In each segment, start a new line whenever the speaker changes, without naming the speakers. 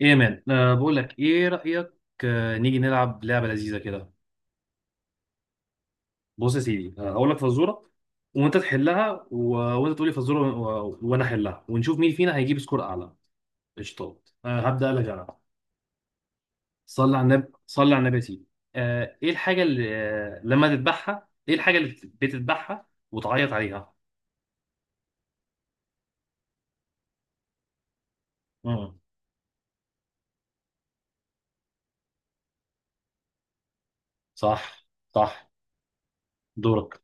ايه يا مان، بقول لك ايه رأيك؟ نيجي نلعب لعبة لذيذة كده. بص يا سيدي، هقول لك فزورة وانت تحلها، وانت تقولي فزورة وانا احلها ونشوف مين فينا هيجيب سكور اعلى. قشطات. هبدأ لك انا. صلي على النبي صلي على النبي يا سيدي. ايه الحاجة اللي لما تذبحها، ايه الحاجة اللي بتذبحها وتعيط عليها؟ امم. صح، صح. دورك.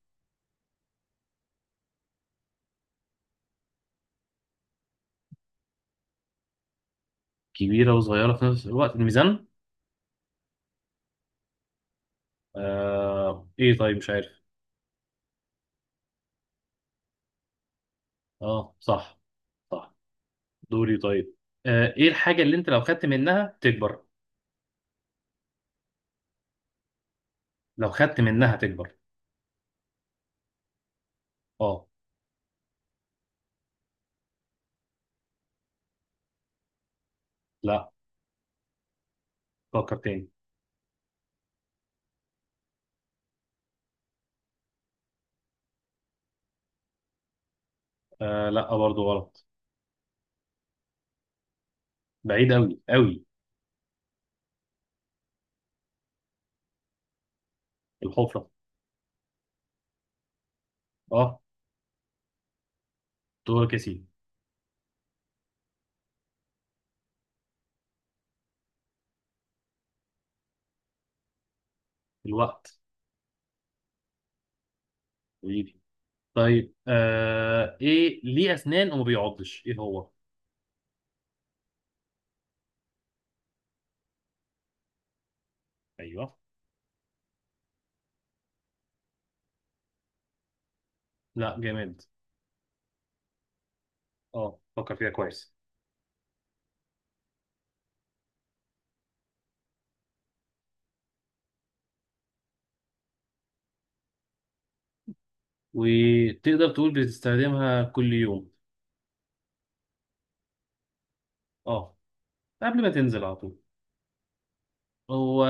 كبيرة وصغيرة في نفس الوقت الميزان. ايه؟ طيب مش عارف. اه صح، صح. دوري طيب. ايه الحاجة اللي انت لو خدت منها تكبر؟ لو خدت منها تكبر. اه. لا، فكر تاني. لا برضه غلط. بعيد قوي قوي. الحفرة. اه. دورك يا سيدي. الوقت. حبيبي. طيب، ايه ليه اسنان وما بيعضش، ايه هو؟ ايوه. لا، جامد. اه، فكر فيها كويس. وتقدر تقول بتستخدمها كل يوم. اه. قبل ما تنزل على طول. هو.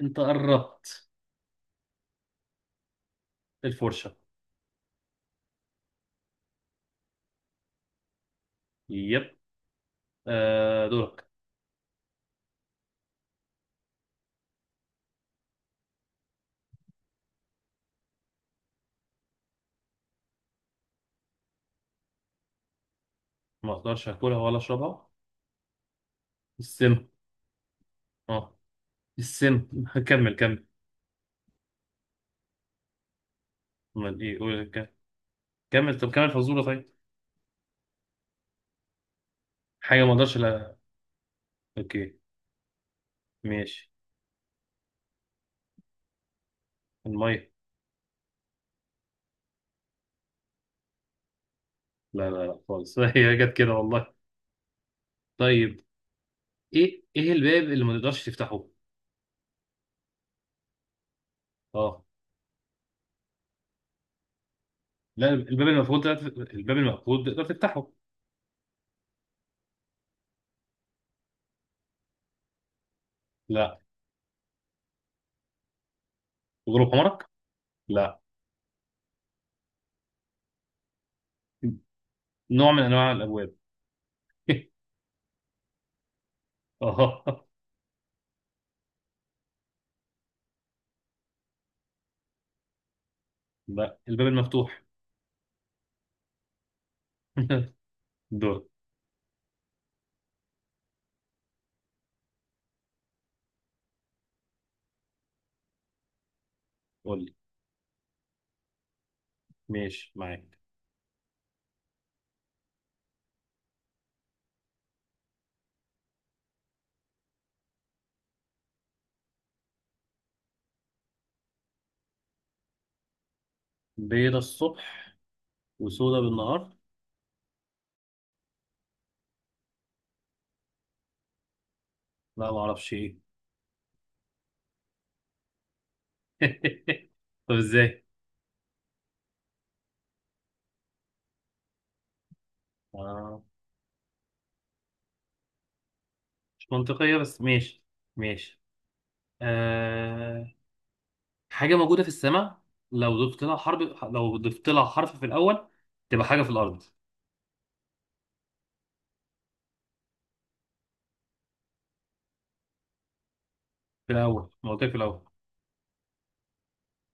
انت قربت. الفرشة. يب. دورك. ما اقدرش اكلها ولا اشربها. السم. اه. السم. كمل كمل. امال ايه؟ كمل. طب كمل فزوره طيب. حاجه ما اقدرش. لا. اوكي. ماشي. الميه. لا لا لا خالص. هي جت كده والله. طيب، ايه الباب اللي ما تقدرش تفتحه؟ اه. لا، الباب المفروض تقدر تفتحه. لا. غروب عمرك. لا. نوع من انواع الابواب. اه. لا، الباب المفتوح. دور. قول لي. ماشي معاك. بيضة الصبح وسودة بالنهار. لا، ما اعرفش ايه. طب ازاي؟ آه. مش منطقية بس ماشي. ماشي. آه. حاجة موجودة في السماء. لو ضفت لها حرف في الأول تبقى حاجة في الأرض. في الأول، ما قلت لك في الأول.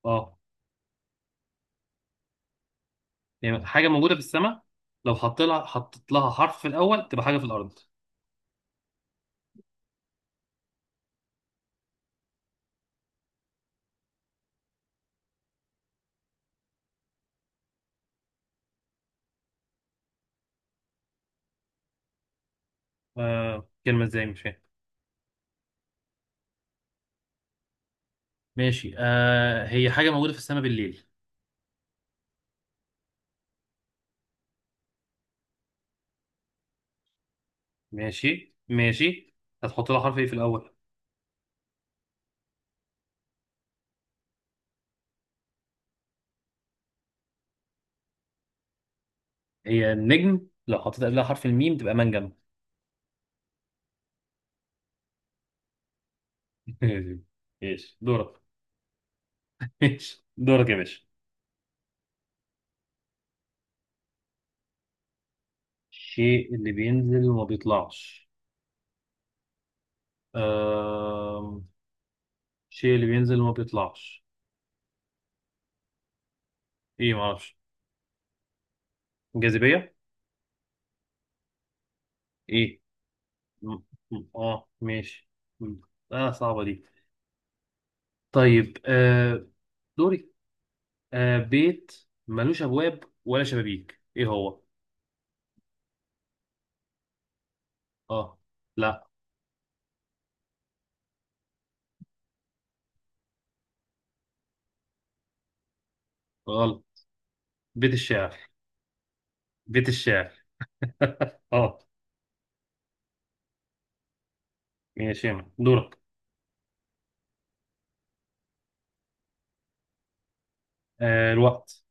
اه. يعني حاجة موجودة في السماء، لو حطيت لها حرف في الأول تبقى حاجة في الأرض. آه. كلمة ازاي؟ مش فاهم. ماشي. آه. هي حاجة موجودة في السماء بالليل. ماشي، ماشي. هتحط لها حرف ايه في الأول؟ هي النجم، لو حطيت قبلها حرف الميم تبقى منجم. ماشي. ماشي. دورك. ماشي دورك يا باشا. الشيء اللي بينزل وما بيطلعش. أم... الشيء اللي بينزل وما بيطلعش. ايه، معرفش. جاذبية. ايه. م- اه ماشي. م- اه صعبة دي. طيب، دوري. بيت ملوش ابواب ولا شبابيك، ايه هو؟ اه. لا، غلط. بيت الشعر. بيت الشعر. اه. ماشي يا مان. دورك. الوقت.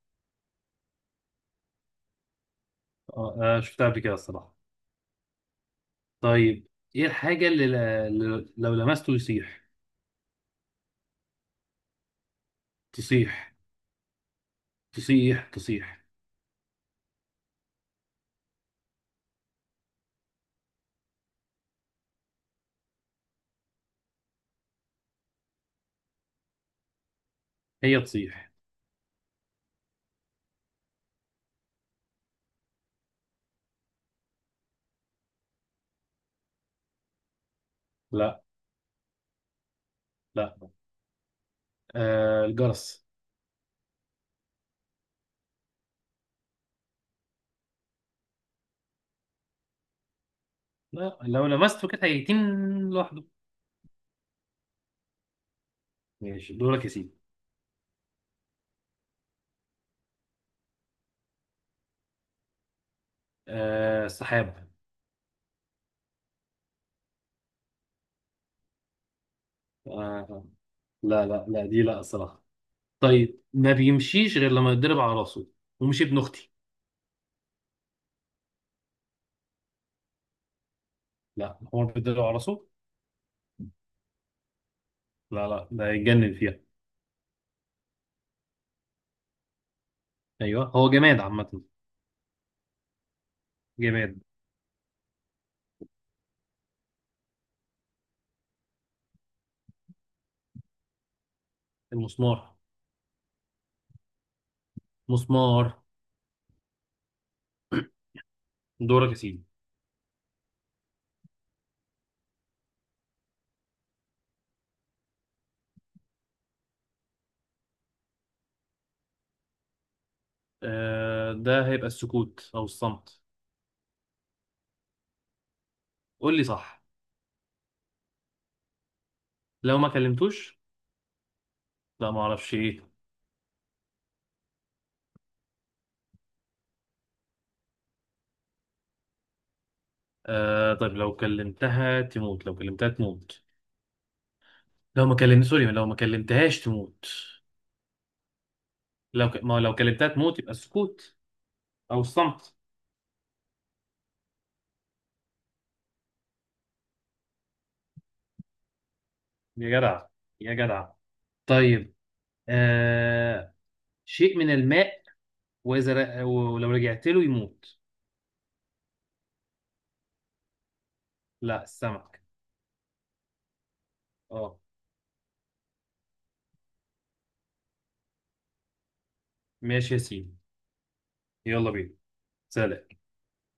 شفتها قبل كده الصراحة. طيب. ايه الحاجة اللي لو لمسته يصيح؟ تصيح، تصيح. تصيح. هي تصيح. لا. لا. الجرس. لا، لو لمسته كده هيتين لوحده. ماشي دورك يا سيدي. السحاب. آه لا لا لا، دي لا الصراحة. طيب، ما بيمشيش غير لما يتضرب على راسه، ومش ابن اختي. لا، هو بيتضرب على راسه. لا لا، ده يتجنن فيها. ايوه هو جماد عامة. جماد. المسمار. مسمار. دورك يا سيدي. ده هيبقى السكوت او الصمت. قول لي صح. لو ما كلمتوش. لا، ما اعرفش ايه. طيب، لو كلمتها تموت، لو كلمتها تموت. لو ما كلمت سوري، لو ما كلمتهاش تموت. لو ك... ما لو كلمتها تموت يبقى السكوت او الصمت. يا جدع، يا جدع. طيب آه شيء من الماء، واذا ولو رجعت له يموت. لا، السمك. اه ماشي يا سيدي. يلا بينا. سلام.